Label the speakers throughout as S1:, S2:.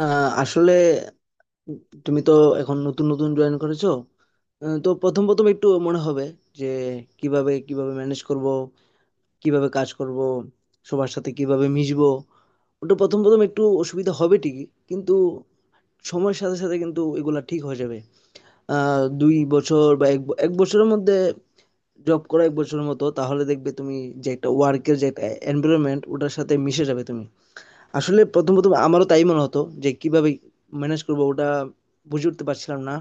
S1: আসলে তুমি তো এখন নতুন নতুন জয়েন করেছো। তো প্রথম প্রথম একটু মনে হবে যে কিভাবে কিভাবে ম্যানেজ করব, কিভাবে কাজ করব, সবার সাথে কিভাবে মিশবো। ওটা প্রথম প্রথম একটু অসুবিধা হবে ঠিকই, কিন্তু সময়ের সাথে সাথে কিন্তু এগুলা ঠিক হয়ে যাবে। দুই বছর বা এক বছরের মধ্যে, জব করা এক বছরের মতো, তাহলে দেখবে তুমি যে একটা ওয়ার্কের যে একটা এনভায়রনমেন্ট ওটার সাথে মিশে যাবে তুমি। আসলে ১ম আমারও তাই মনে হতো যে কিভাবে ম্যানেজ করব, ওটা বুঝে উঠতে পারছিলাম না।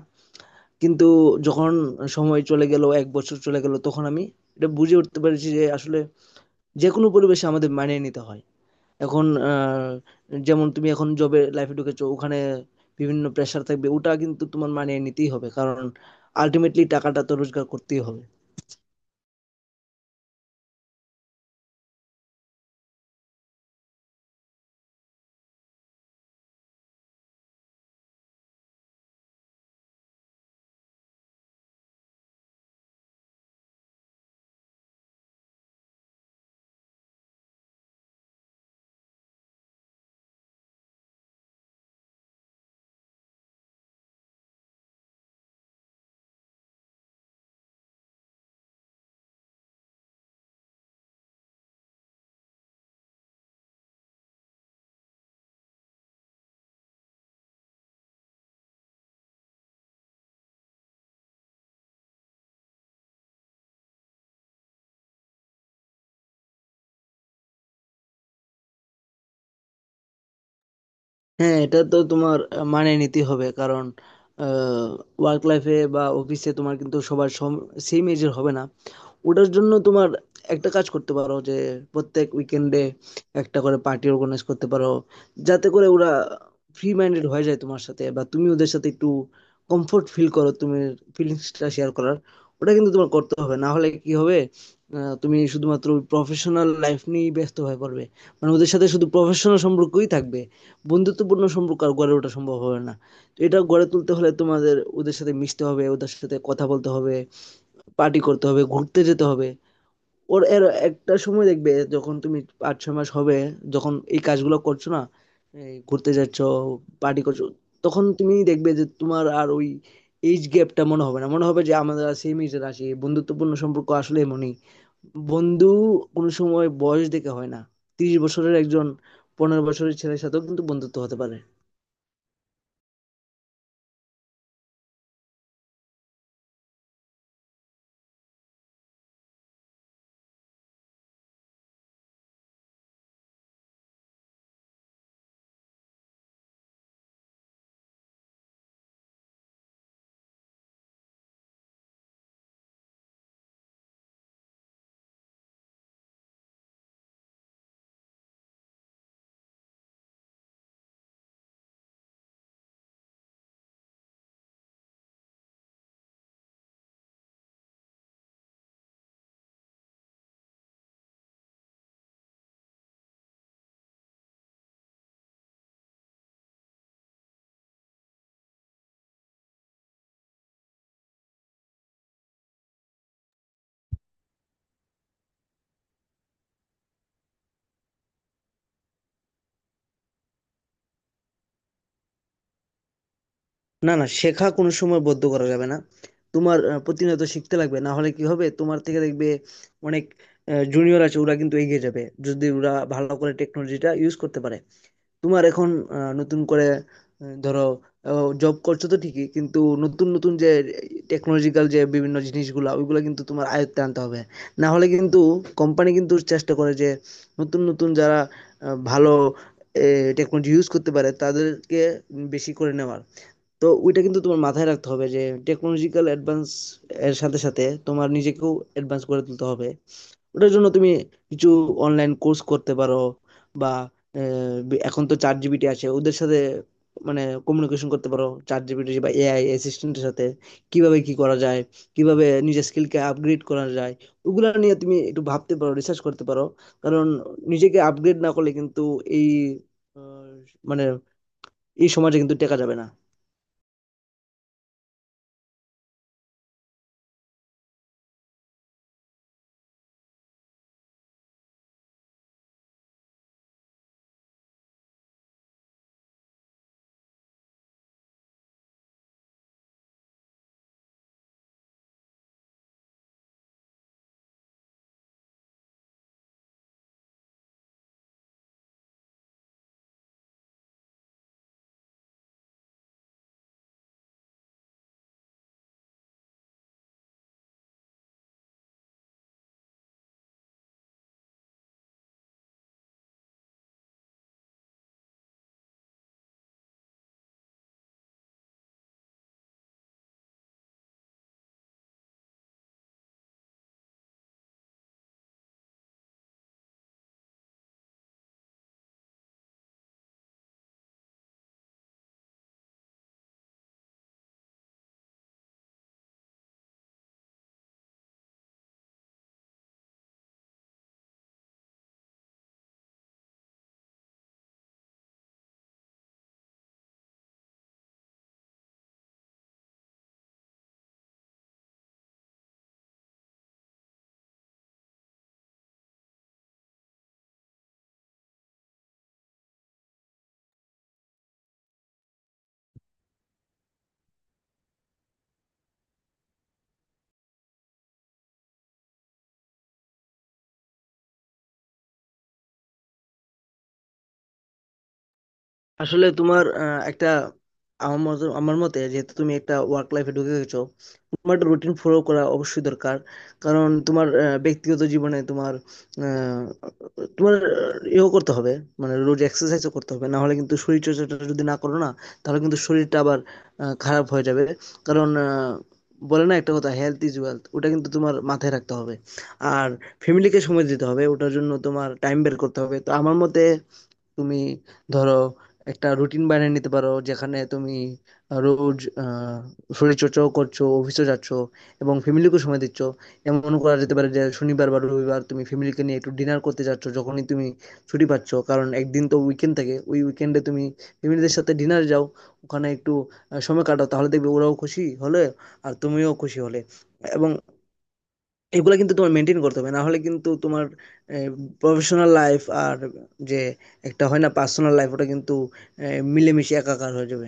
S1: কিন্তু যখন সময় চলে গেল, ১ বছর চলে গেল, তখন আমি এটা বুঝে উঠতে পেরেছি যে আসলে যেকোনো পরিবেশে আমাদের মানিয়ে নিতে হয়। এখন যেমন তুমি এখন জবে লাইফে ঢুকেছো, ওখানে বিভিন্ন প্রেশার থাকবে। ওটা কিন্তু তোমার মানিয়ে নিতেই হবে। কারণ আল্টিমেটলি টাকাটা তো রোজগার করতেই হবে। হ্যাঁ, এটা তো তোমার মানিয়ে নিতেই হবে। কারণ আ ওয়ার্ক লাইফ এ বা অফিসে তোমার কিন্তু সবার সেম এজ এর হবে না। ওটার জন্য তোমার একটা কাজ করতে পারো যে প্রত্যেক উইকেন্ডে একটা করে পার্টি অর্গানাইজ করতে পারো, যাতে করে ওরা ফ্রি মাইন্ডেড হয়ে যায় তোমার সাথে, বা তুমি ওদের সাথে একটু কমফোর্ট ফিল করো, তুমি ফিলিংসটা শেয়ার করার। ওটা কিন্তু তোমার করতে হবে, না হলে কি হবে, তুমি শুধুমাত্র প্রফেশনাল লাইফ নিয়েই ব্যস্ত হয়ে পড়বে। মানে ওদের সাথে শুধু প্রফেশনাল সম্পর্কই থাকবে, বন্ধুত্বপূর্ণ সম্পর্ক আর গড়ে ওঠা সম্ভব হবে না। তো এটা গড়ে তুলতে হলে তোমাদের ওদের সাথে মিশতে হবে, ওদের সাথে কথা বলতে হবে, পার্টি করতে হবে, ঘুরতে যেতে হবে। ওর এর একটা সময় দেখবে, যখন তুমি পাঁচ ছয় মাস হবে, যখন এই কাজগুলো করছো, না এই ঘুরতে যাচ্ছ, পার্টি করছো, তখন তুমি দেখবে যে তোমার আর ওই এইজ গ্যাপটা মনে হবে না, মনে হবে যে আমাদের সেম এজের আছি। বন্ধুত্বপূর্ণ সম্পর্ক আসলে এমনই বন্ধু, কোনো সময় বয়স দেখে হয় না। তিরিশ বছরের একজন পনেরো বছরের ছেলের সাথেও কিন্তু বন্ধুত্ব হতে পারে। না না, শেখা কোনো সময় বদ্ধ করা যাবে না। তোমার প্রতিনিয়ত শিখতে লাগবে, না হলে কি হবে, তোমার থেকে দেখবে অনেক জুনিয়র আছে, ওরা কিন্তু এগিয়ে যাবে যদি ওরা ভালো করে টেকনোলজিটা ইউজ করতে পারে। তোমার এখন নতুন করে ধরো, জব করছো তো ঠিকই, কিন্তু নতুন নতুন যে টেকনোলজিক্যাল যে বিভিন্ন জিনিসগুলা ওইগুলো কিন্তু তোমার আয়ত্তে আনতে হবে। না হলে কিন্তু কোম্পানি কিন্তু চেষ্টা করে যে নতুন নতুন যারা ভালো টেকনোলজি ইউজ করতে পারে তাদেরকে বেশি করে নেওয়ার। তো ওইটা কিন্তু তোমার মাথায় রাখতে হবে যে টেকনোলজিক্যাল অ্যাডভান্স এর সাথে সাথে তোমার নিজেকেও অ্যাডভান্স করে তুলতে হবে। ওটার জন্য তুমি কিছু অনলাইন কোর্স করতে পারো, বা এখন তো চ্যাট জিপিটি আছে, ওদের সাথে মানে কমিউনিকেশন করতে পারো, চ্যাট জিপিটি বা এআই অ্যাসিস্ট্যান্টের সাথে, কিভাবে কি করা যায়, কিভাবে নিজের স্কিলকে আপগ্রেড করা যায়, ওগুলো নিয়ে তুমি একটু ভাবতে পারো, রিসার্চ করতে পারো। কারণ নিজেকে আপগ্রেড না করলে কিন্তু এই আহ, মানে এই সমাজে কিন্তু টেকা যাবে না। আসলে তোমার একটা, আমার মতে, যেহেতু তুমি একটা ওয়ার্ক লাইফে ঢুকে গেছো, তোমার একটা রুটিন ফলো করা অবশ্যই দরকার। কারণ তোমার ব্যক্তিগত জীবনে তোমার আহ, তোমার ইয়েও করতে হবে, মানে রোজ এক্সারসাইজও করতে হবে, না হলে কিন্তু শরীর চর্চাটা যদি না করো না, তাহলে কিন্তু শরীরটা আবার খারাপ হয়ে যাবে। কারণ বলে না একটা কথা, হেলথ ইজ ওয়েলথ, ওটা কিন্তু তোমার মাথায় রাখতে হবে। আর ফ্যামিলিকে সময় দিতে হবে, ওটার জন্য তোমার টাইম বের করতে হবে। তো আমার মতে তুমি ধরো একটা রুটিন বানিয়ে নিতে পারো, যেখানে তুমি রোজ শরীরচর্চাও করছো, অফিসে যাচ্ছ এবং ফ্যামিলিকেও সময় দিচ্ছ। এমন করা যেতে পারে যে শনিবার বা রবিবার তুমি ফ্যামিলিকে নিয়ে একটু ডিনার করতে যাচ্ছ, যখনই তুমি ছুটি পাচ্ছ, কারণ একদিন তো উইকেন্ড থাকে, ওই উইকেন্ডে তুমি ফ্যামিলিদের সাথে ডিনার যাও, ওখানে একটু সময় কাটাও, তাহলে দেখবে ওরাও খুশি হলে আর তুমিও খুশি হলে। এবং এগুলা কিন্তু তোমার মেনটেন করতে হবে, না হলে কিন্তু তোমার প্রফেশনাল লাইফ আর যে একটা হয় না পার্সোনাল লাইফ ওটা কিন্তু মিলেমিশে একাকার হয়ে যাবে।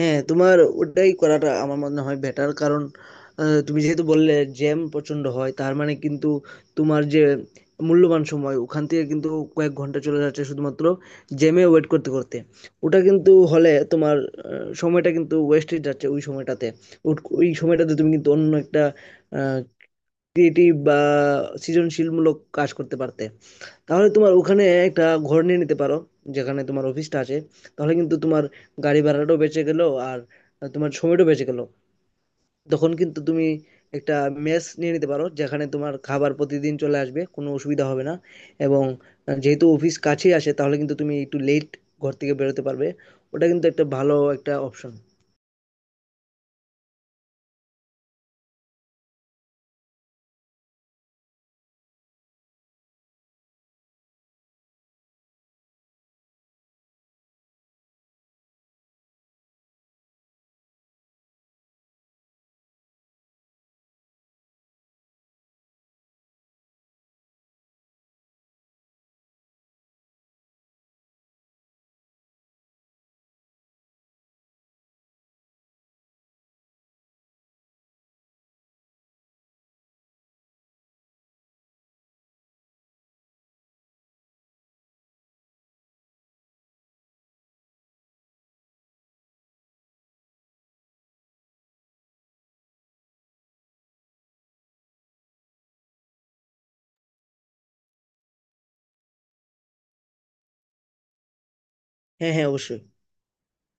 S1: হ্যাঁ, তোমার ওটাই করাটা আমার মনে হয় বেটার। কারণ তুমি যেহেতু বললে জ্যাম প্রচন্ড হয়, তার মানে কিন্তু তোমার যে মূল্যবান সময় ওখান থেকে কিন্তু কয়েক ঘন্টা চলে যাচ্ছে শুধুমাত্র জ্যামে ওয়েট করতে করতে। ওটা কিন্তু হলে তোমার সময়টা কিন্তু ওয়েস্টেজ যাচ্ছে ওই সময়টাতে। ওই সময়টাতে তুমি কিন্তু অন্য একটা ক্রিয়েটিভ বা সৃজনশীলমূলক কাজ করতে পারতে। তাহলে তোমার ওখানে একটা ঘর নিয়ে নিতে পারো, যেখানে তোমার অফিসটা আছে। তাহলে কিন্তু তোমার গাড়ি ভাড়াটাও বেঁচে গেল আর তোমার সময়টাও বেঁচে গেল। তখন কিন্তু তুমি একটা মেস নিয়ে নিতে পারো, যেখানে তোমার খাবার প্রতিদিন চলে আসবে, কোনো অসুবিধা হবে না। এবং যেহেতু অফিস কাছেই আসে, তাহলে কিন্তু তুমি একটু লেট ঘর থেকে বেরোতে পারবে। ওটা কিন্তু একটা ভালো একটা অপশন। হ্যাঁ, হ্যাঁ, অবশ্যই।